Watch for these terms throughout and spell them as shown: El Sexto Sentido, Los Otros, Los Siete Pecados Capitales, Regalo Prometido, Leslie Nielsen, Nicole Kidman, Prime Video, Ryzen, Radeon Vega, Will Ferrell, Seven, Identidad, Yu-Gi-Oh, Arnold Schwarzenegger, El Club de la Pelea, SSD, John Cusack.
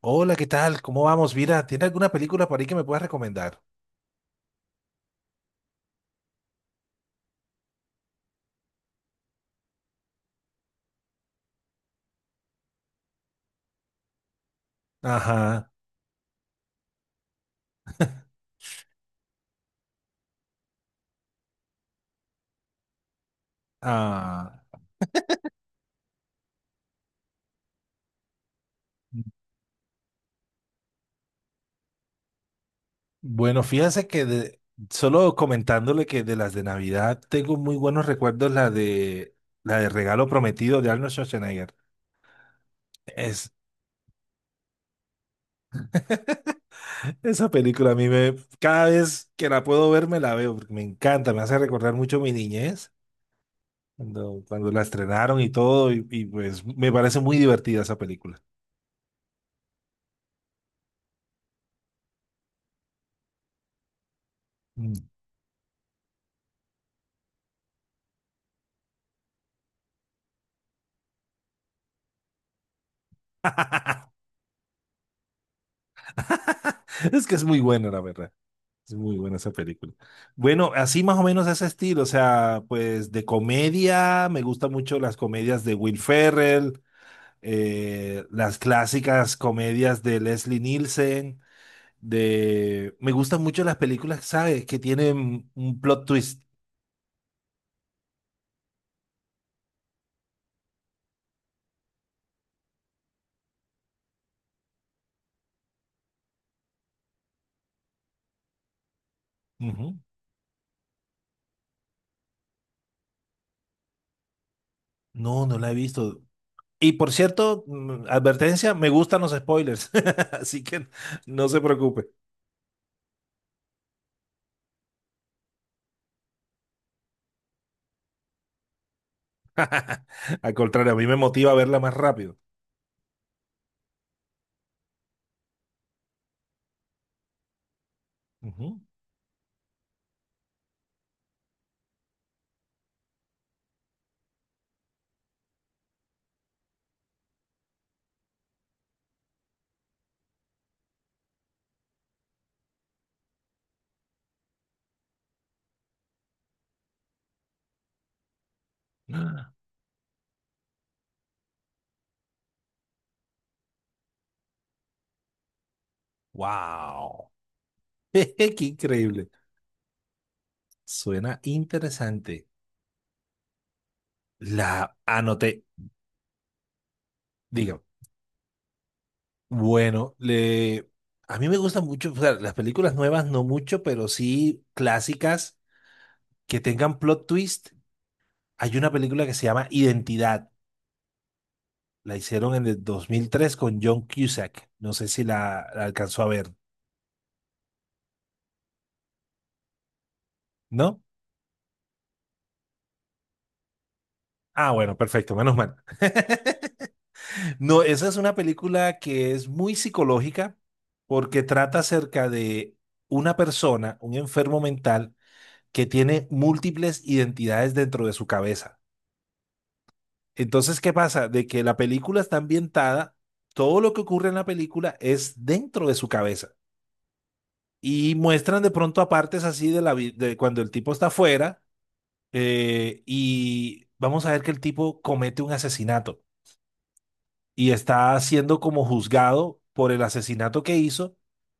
Hola, ¿qué tal? ¿Cómo vamos? Mira, ¿tiene alguna película por ahí que me puedas recomendar? Ajá. Ah, bueno, fíjense que solo comentándole que de las de Navidad tengo muy buenos recuerdos la de Regalo Prometido de Arnold Schwarzenegger. Es, esa película a mí me, cada vez que la puedo ver me la veo porque me encanta, me hace recordar mucho mi niñez cuando la estrenaron y todo y pues me parece muy divertida esa película. Mm. Es que es muy buena, la verdad. Es muy buena esa película. Bueno, así más o menos ese estilo, o sea, pues de comedia, me gustan mucho las comedias de Will Ferrell, las clásicas comedias de Leslie Nielsen, de... Me gustan mucho las películas, ¿sabes? Que tienen un plot twist. Ujú. No, no la he visto. Y por cierto, advertencia, me gustan los spoilers, así que no se preocupe. Al contrario, a mí me motiva a verla más rápido. Ujú. Wow. Qué increíble. Suena interesante. La anoté. Diga, bueno, le... A mí me gustan mucho, o sea, las películas nuevas no mucho, pero sí clásicas que tengan plot twist. Hay una película que se llama Identidad. La hicieron en el 2003 con John Cusack. No sé si la alcanzó a ver, ¿no? Ah, bueno, perfecto, menos mal. No, esa es una película que es muy psicológica porque trata acerca de una persona, un enfermo mental, que tiene múltiples identidades dentro de su cabeza. Entonces, ¿qué pasa? De que la película está ambientada, todo lo que ocurre en la película es dentro de su cabeza. Y muestran de pronto a partes así de de cuando el tipo está afuera y vamos a ver que el tipo comete un asesinato y está siendo como juzgado por el asesinato que hizo.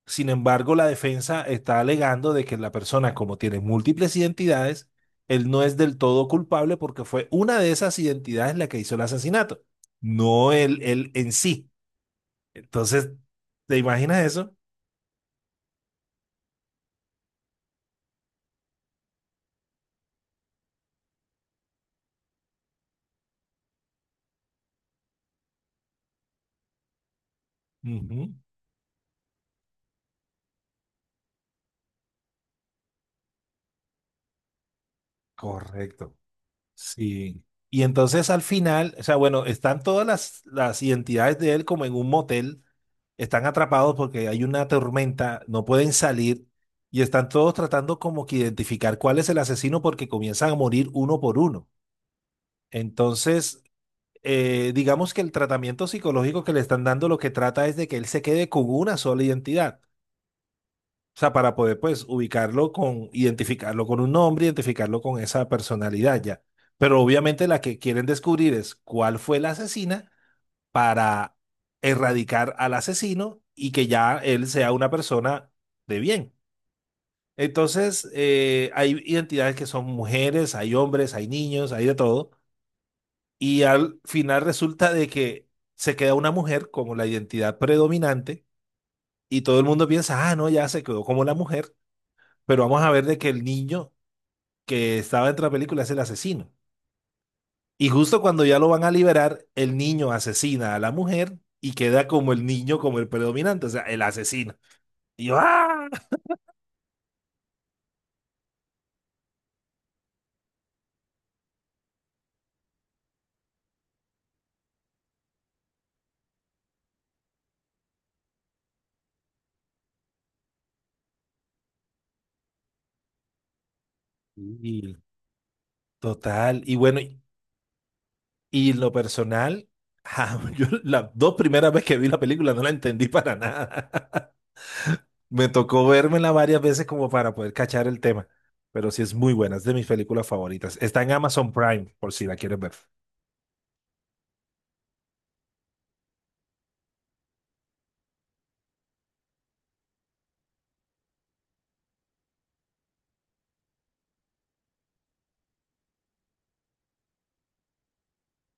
Sin embargo, la defensa está alegando de que la persona, como tiene múltiples identidades, él no es del todo culpable porque fue una de esas identidades la que hizo el asesinato, no él, él en sí. Entonces, ¿te imaginas eso? Ujú. Correcto. Sí. Y entonces al final, o sea, bueno, están todas las identidades de él como en un motel, están atrapados porque hay una tormenta, no pueden salir y están todos tratando como que identificar cuál es el asesino porque comienzan a morir uno por uno. Entonces, digamos que el tratamiento psicológico que le están dando lo que trata es de que él se quede con una sola identidad. O sea, para poder pues ubicarlo con, identificarlo con un nombre, identificarlo con esa personalidad ya. Pero obviamente la que quieren descubrir es cuál fue la asesina para erradicar al asesino y que ya él sea una persona de bien. Entonces, hay identidades que son mujeres, hay hombres, hay niños, hay de todo. Y al final resulta de que se queda una mujer como la identidad predominante y todo el mundo piensa, ah, no, ya se quedó como la mujer. Pero vamos a ver de que el niño que estaba dentro de la película es el asesino. Y justo cuando ya lo van a liberar, el niño asesina a la mujer y queda como el niño, como el predominante, o sea, el asesino. Y yo, ¡ah! Y total. Y bueno, y lo personal, yo las dos primeras veces que vi la película no la entendí para nada. Me tocó vérmela varias veces como para poder cachar el tema. Pero sí es muy buena, es de mis películas favoritas. Está en Amazon Prime, por si la quieres ver.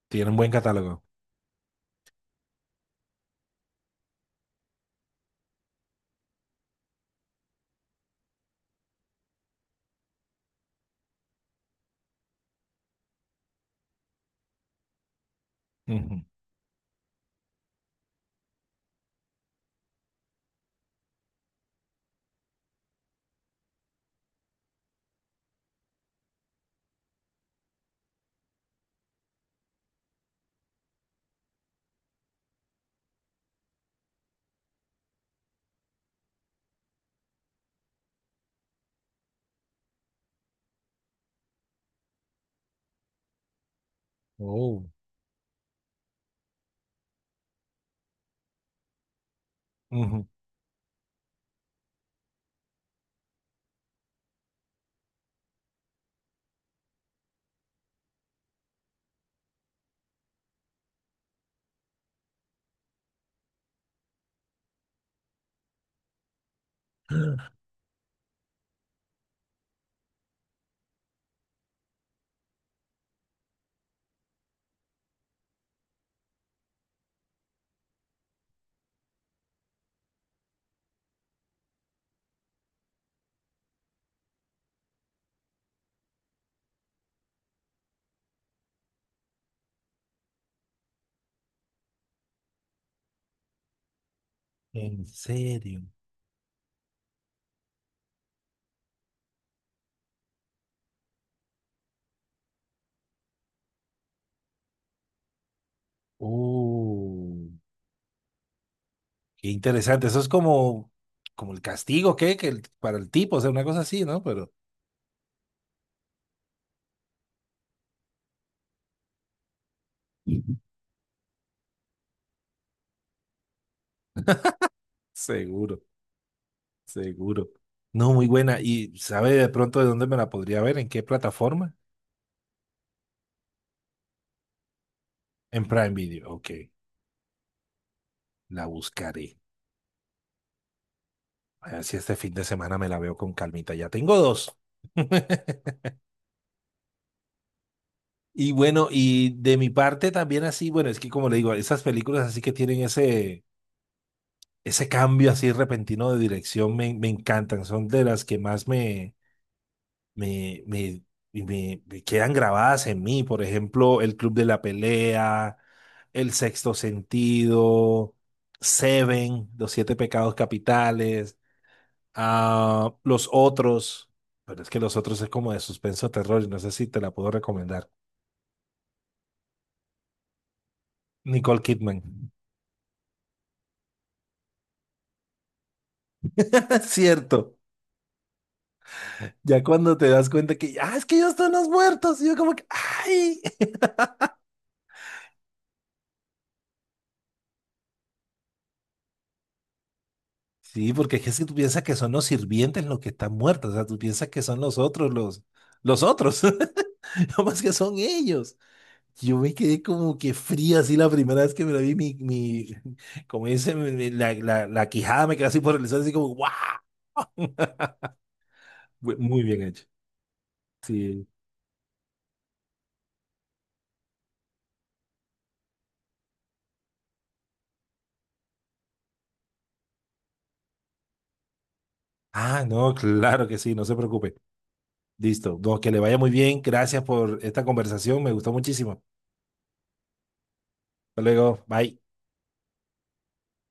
Tiene un buen catálogo. Ujú. Oh, ujú. En serio. Oh, qué interesante. Eso es como, como el castigo, ¿qué? Que para el tipo, o sea, una cosa así, ¿no? Pero ujú. Seguro, seguro. No, muy buena. ¿Y sabe de pronto de dónde me la podría ver? ¿En qué plataforma? En Prime Video. Ok, la buscaré. A ver si este fin de semana me la veo con calmita. Ya tengo dos. Y bueno, y de mi parte también así, bueno, es que como le digo, esas películas así que tienen ese cambio así repentino de dirección me encantan, son de las que más me, me, me quedan grabadas en mí. Por ejemplo, El Club de la Pelea, El Sexto Sentido, Seven, Los Siete Pecados Capitales, ah, Los Otros, pero es que Los Otros es como de suspenso terror y no sé si te la puedo recomendar. Nicole Kidman. Es cierto. Ya cuando te das cuenta que, ah, es que ellos están los muertos, y yo como que, ay. Sí, porque es que si tú piensas que son los sirvientes los que están muertos, o sea, tú piensas que son los otros, los otros, no más que son ellos. Yo me quedé como que fría así la primera vez que me la vi, como dice, la quijada me quedó así por el sol, así como, ¡guau! Muy bien hecho. Sí. Ah, no, claro que sí, no se preocupe. Listo, no, que le vaya muy bien, gracias por esta conversación, me gustó muchísimo. Hasta luego, bye.